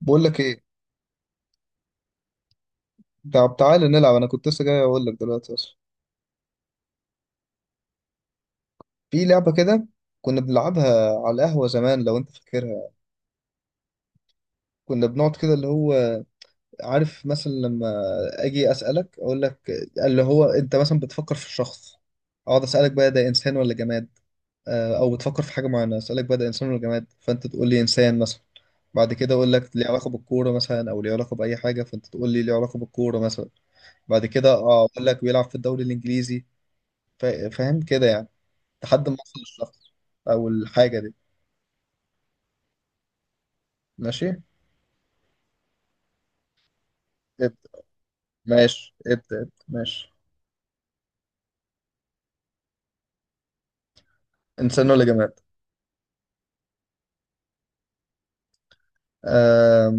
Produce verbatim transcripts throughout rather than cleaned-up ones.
بقول لك ايه. طب تعالى نلعب، انا كنت لسه جاي اقول لك دلوقتي اصلا. في لعبه كده كنا بنلعبها على القهوه زمان لو انت فاكرها. كنا بنقعد كده اللي هو عارف مثلا لما اجي اسالك اقول لك اللي هو انت مثلا بتفكر في الشخص، اقعد اسالك بقى ده انسان ولا جماد. آه، او بتفكر في حاجه معينه اسالك بقى ده انسان ولا جماد، فانت تقول لي انسان مثلا. بعد كده اقول لك ليه علاقه بالكوره مثلا او ليه علاقه باي حاجه، فانت تقول لي ليه علاقه بالكوره مثلا. بعد كده آه، اقول لك بيلعب في الدوري الانجليزي. فا- فاهم كده يعني. لحد ما اوصل للشخص او الحاجه دي. ماشي. ابدا ماشي. ابدا ابدا ماشي. انسان ولا جماد؟ آم،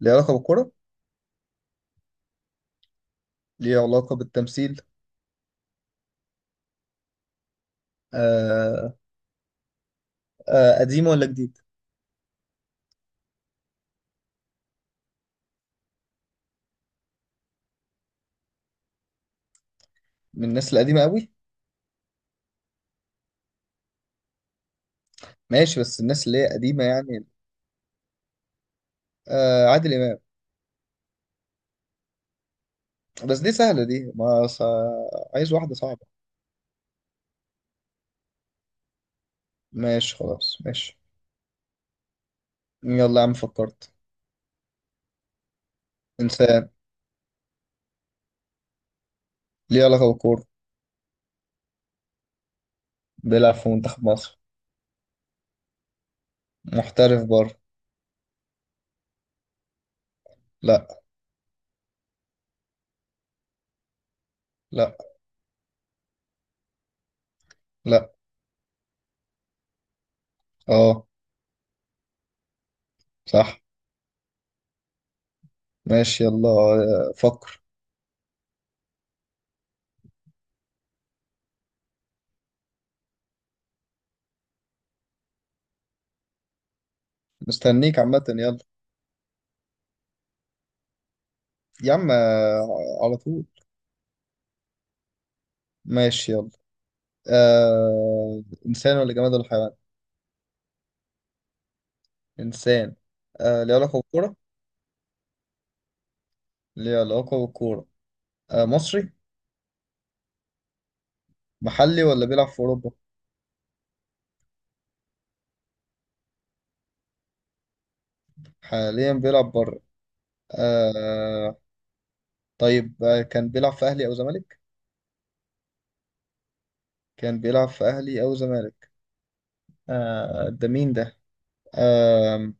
ليه علاقه بالكره؟ ليه علاقه بالتمثيل؟ آه. آه، قديم ولا جديد؟ من الناس القديمه قوي؟ ماشي، بس الناس اللي هي قديمه يعني. آه، عادل امام. بس دي سهله، دي ما ص... عايز واحده صعبه. ماشي خلاص ماشي. يلا يا عم فكرت. انسان. ليه علاقه بالكوره. بيلعب في منتخب مصر. محترف بره. لا. لا. لا. اه صح. ماشي يلا. آه، فكر. مستنيك عامة يلا. يا عم، آه، على طول. ماشي يلا. آه... إنسان ولا جماد ولا حيوان؟ إنسان. آه... ليه علاقة بالكورة؟ ليه علاقة بالكورة. آه... مصري. محلي ولا بيلعب في أوروبا؟ حاليا بيلعب بره. آه... طيب آه... كان بيلعب في أهلي أو زمالك؟ كان بيلعب في أهلي أو زمالك. آه... ده مين ده؟ آه...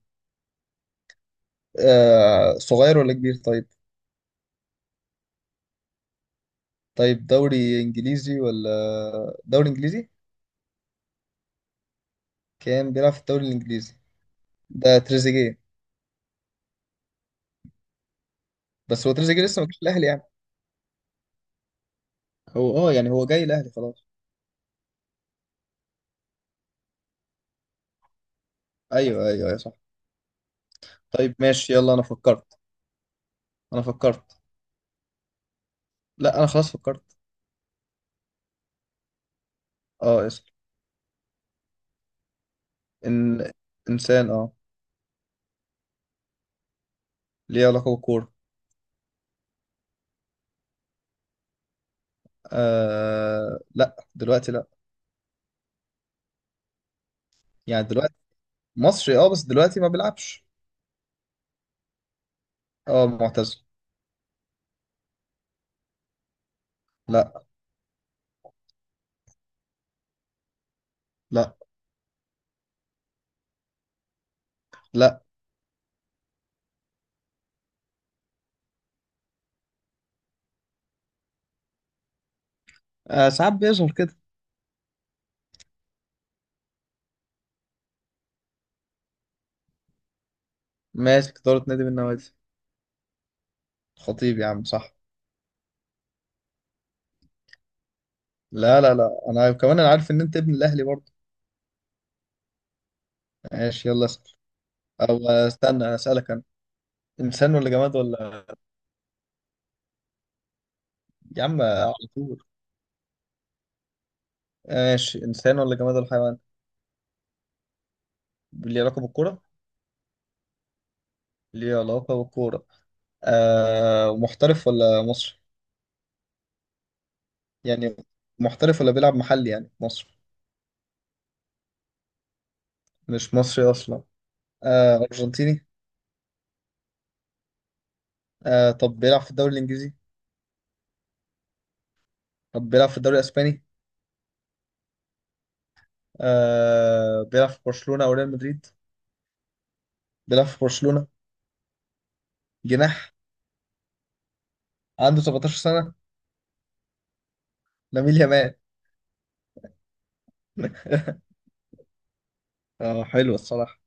آه... صغير ولا كبير طيب؟ طيب، دوري إنجليزي ولا دوري إنجليزي؟ كان بيلعب في الدوري الانجليزي. ده تريزيجيه. بس هو تريزيجيه لسه ما جاش الاهلي يعني. هو اه يعني هو جاي الاهلي خلاص. ايوه ايوه يا صح. طيب ماشي يلا، انا فكرت. انا فكرت. لا، انا خلاص فكرت. اه اسال. ان انسان اه. ليه علاقه بالكوره. آه لا، دلوقتي لا. يعني دلوقتي. مصري اه، بس دلوقتي ما بيلعبش. اه، معتزل. لا. لا. لا. آه، ساعات بيظهر كده. ماسك اداره نادي من النوادي. خطيب يا عم صح. لا لا لا، انا كمان انا عارف ان انت ابن الاهلي برضه. ماشي يلا اسال. او استنى اسالك انا. انسان ولا جماد ولا. يا عم على طول. ماشي، انسان ولا جماد ولا حيوان. ليه علاقه بالكوره. ليه علاقه بالكوره. آه، محترف ولا مصري؟ يعني محترف ولا بيلعب محلي، يعني مصري. مش مصري اصلا. آه، ارجنتيني. آه، طب بيلعب في الدوري الانجليزي. طب بيلعب في الدوري الاسباني. آه، بيلعب في برشلونه او ريال مدريد. بيلعب في برشلونه. جناح. عنده سبعتاشر سنة سنه. لامين يامال. اه حلو الصراحه.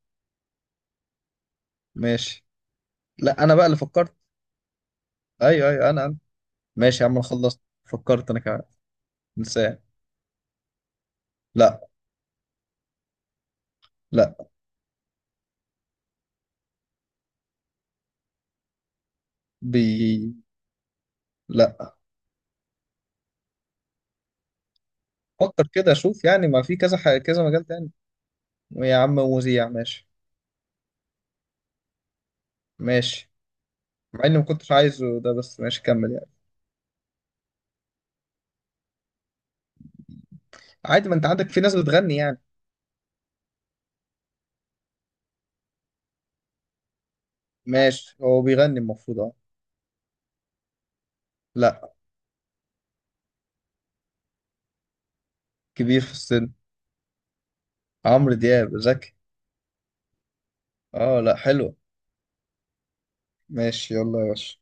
ماشي. لا، انا بقى اللي فكرت. ايوه ايوه، انا انا. ماشي يا عم، انا خلصت فكرت انا كمان. انسان. لا. لا. بي. لا. فكر كده شوف، يعني ما في كذا حاجة كذا مجال تاني. يا عم مذيع ماشي. ماشي. مع اني ما كنتش عايزه ده، بس ماشي كمل يعني. عادي، ما انت عندك في ناس بتغني يعني. ماشي، هو بيغني المفروض اه. لا. كبير في السن. عمرو دياب؟ ذكي. اه لا حلوة. ماشي يلا يا باشا.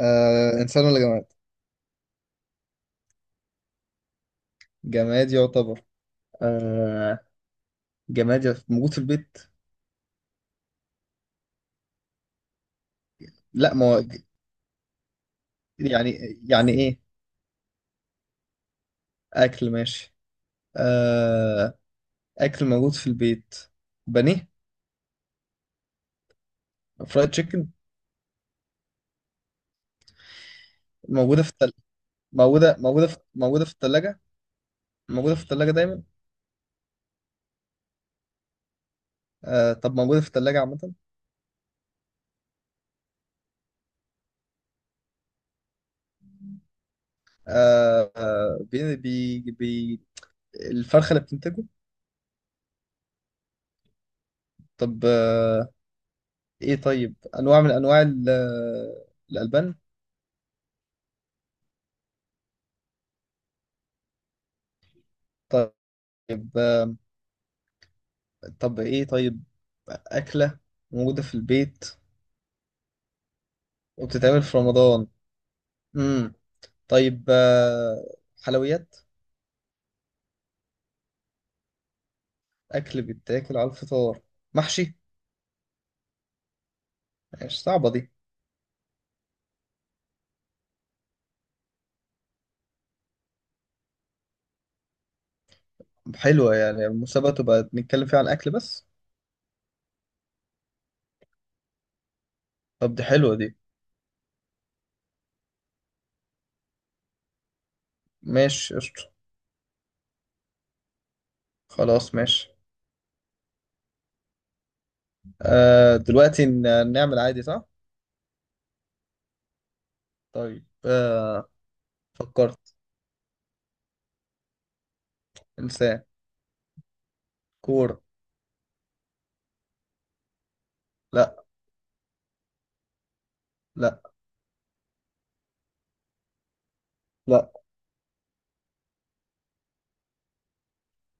آه، انسان ولا جماد؟ جماد يعتبر. آه، جماد يعتبر- موجود في البيت. لا. ما هو يعني. يعني ايه؟ اكل ماشي. آه، اكل موجود في البيت. بانيه. فرايد تشيكن. موجوده في التل... موجوده موجوده في... موجوده في الثلاجه. موجوده في الثلاجه دايما. آه، طب موجوده في الثلاجه عامه. آه آه، بي... بي... بي... الفرخه اللي بتنتجه. طب آه. ايه طيب، انواع من انواع ال... الالبان. طيب آه، طب ايه طيب. اكله موجوده في البيت وبتتعمل في رمضان. مم. طيب آه، حلويات. أكل بيتاكل على الفطار. محشي. مش صعبة دي. طب حلوة، يعني المسابقة تبقى بنتكلم فيها على الأكل بس. طب دي حلوة دي. ماشي قشطة. خلاص ماشي. آه دلوقتي ن- نعمل عادي صح؟ طيب آه، فكرت. إنسان. كورة. لا. لا. لا.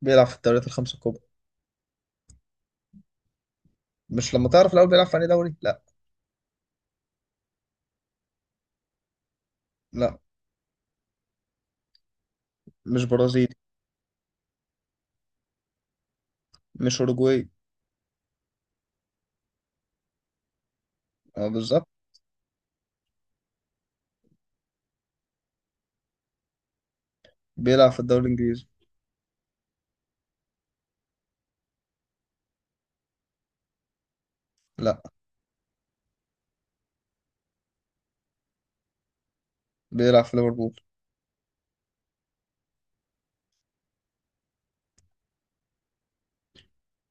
بيلعب في الدوريات الخمسة الكبرى. مش لما تعرف الأول بيلعب في أي دوري؟ لا. لا، مش برازيلي. مش أوروجواي. اه بالظبط. بيلعب في الدوري الإنجليزي. لا. بيلعب في ليفربول.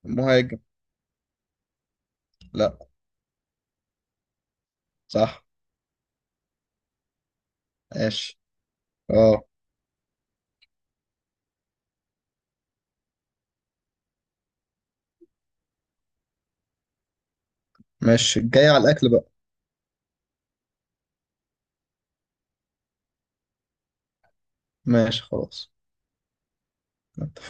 مهاجم. لا. صح. ماشي. اه. ماشي، جاي على الأكل بقى. ماشي خلاص. اتفقنا.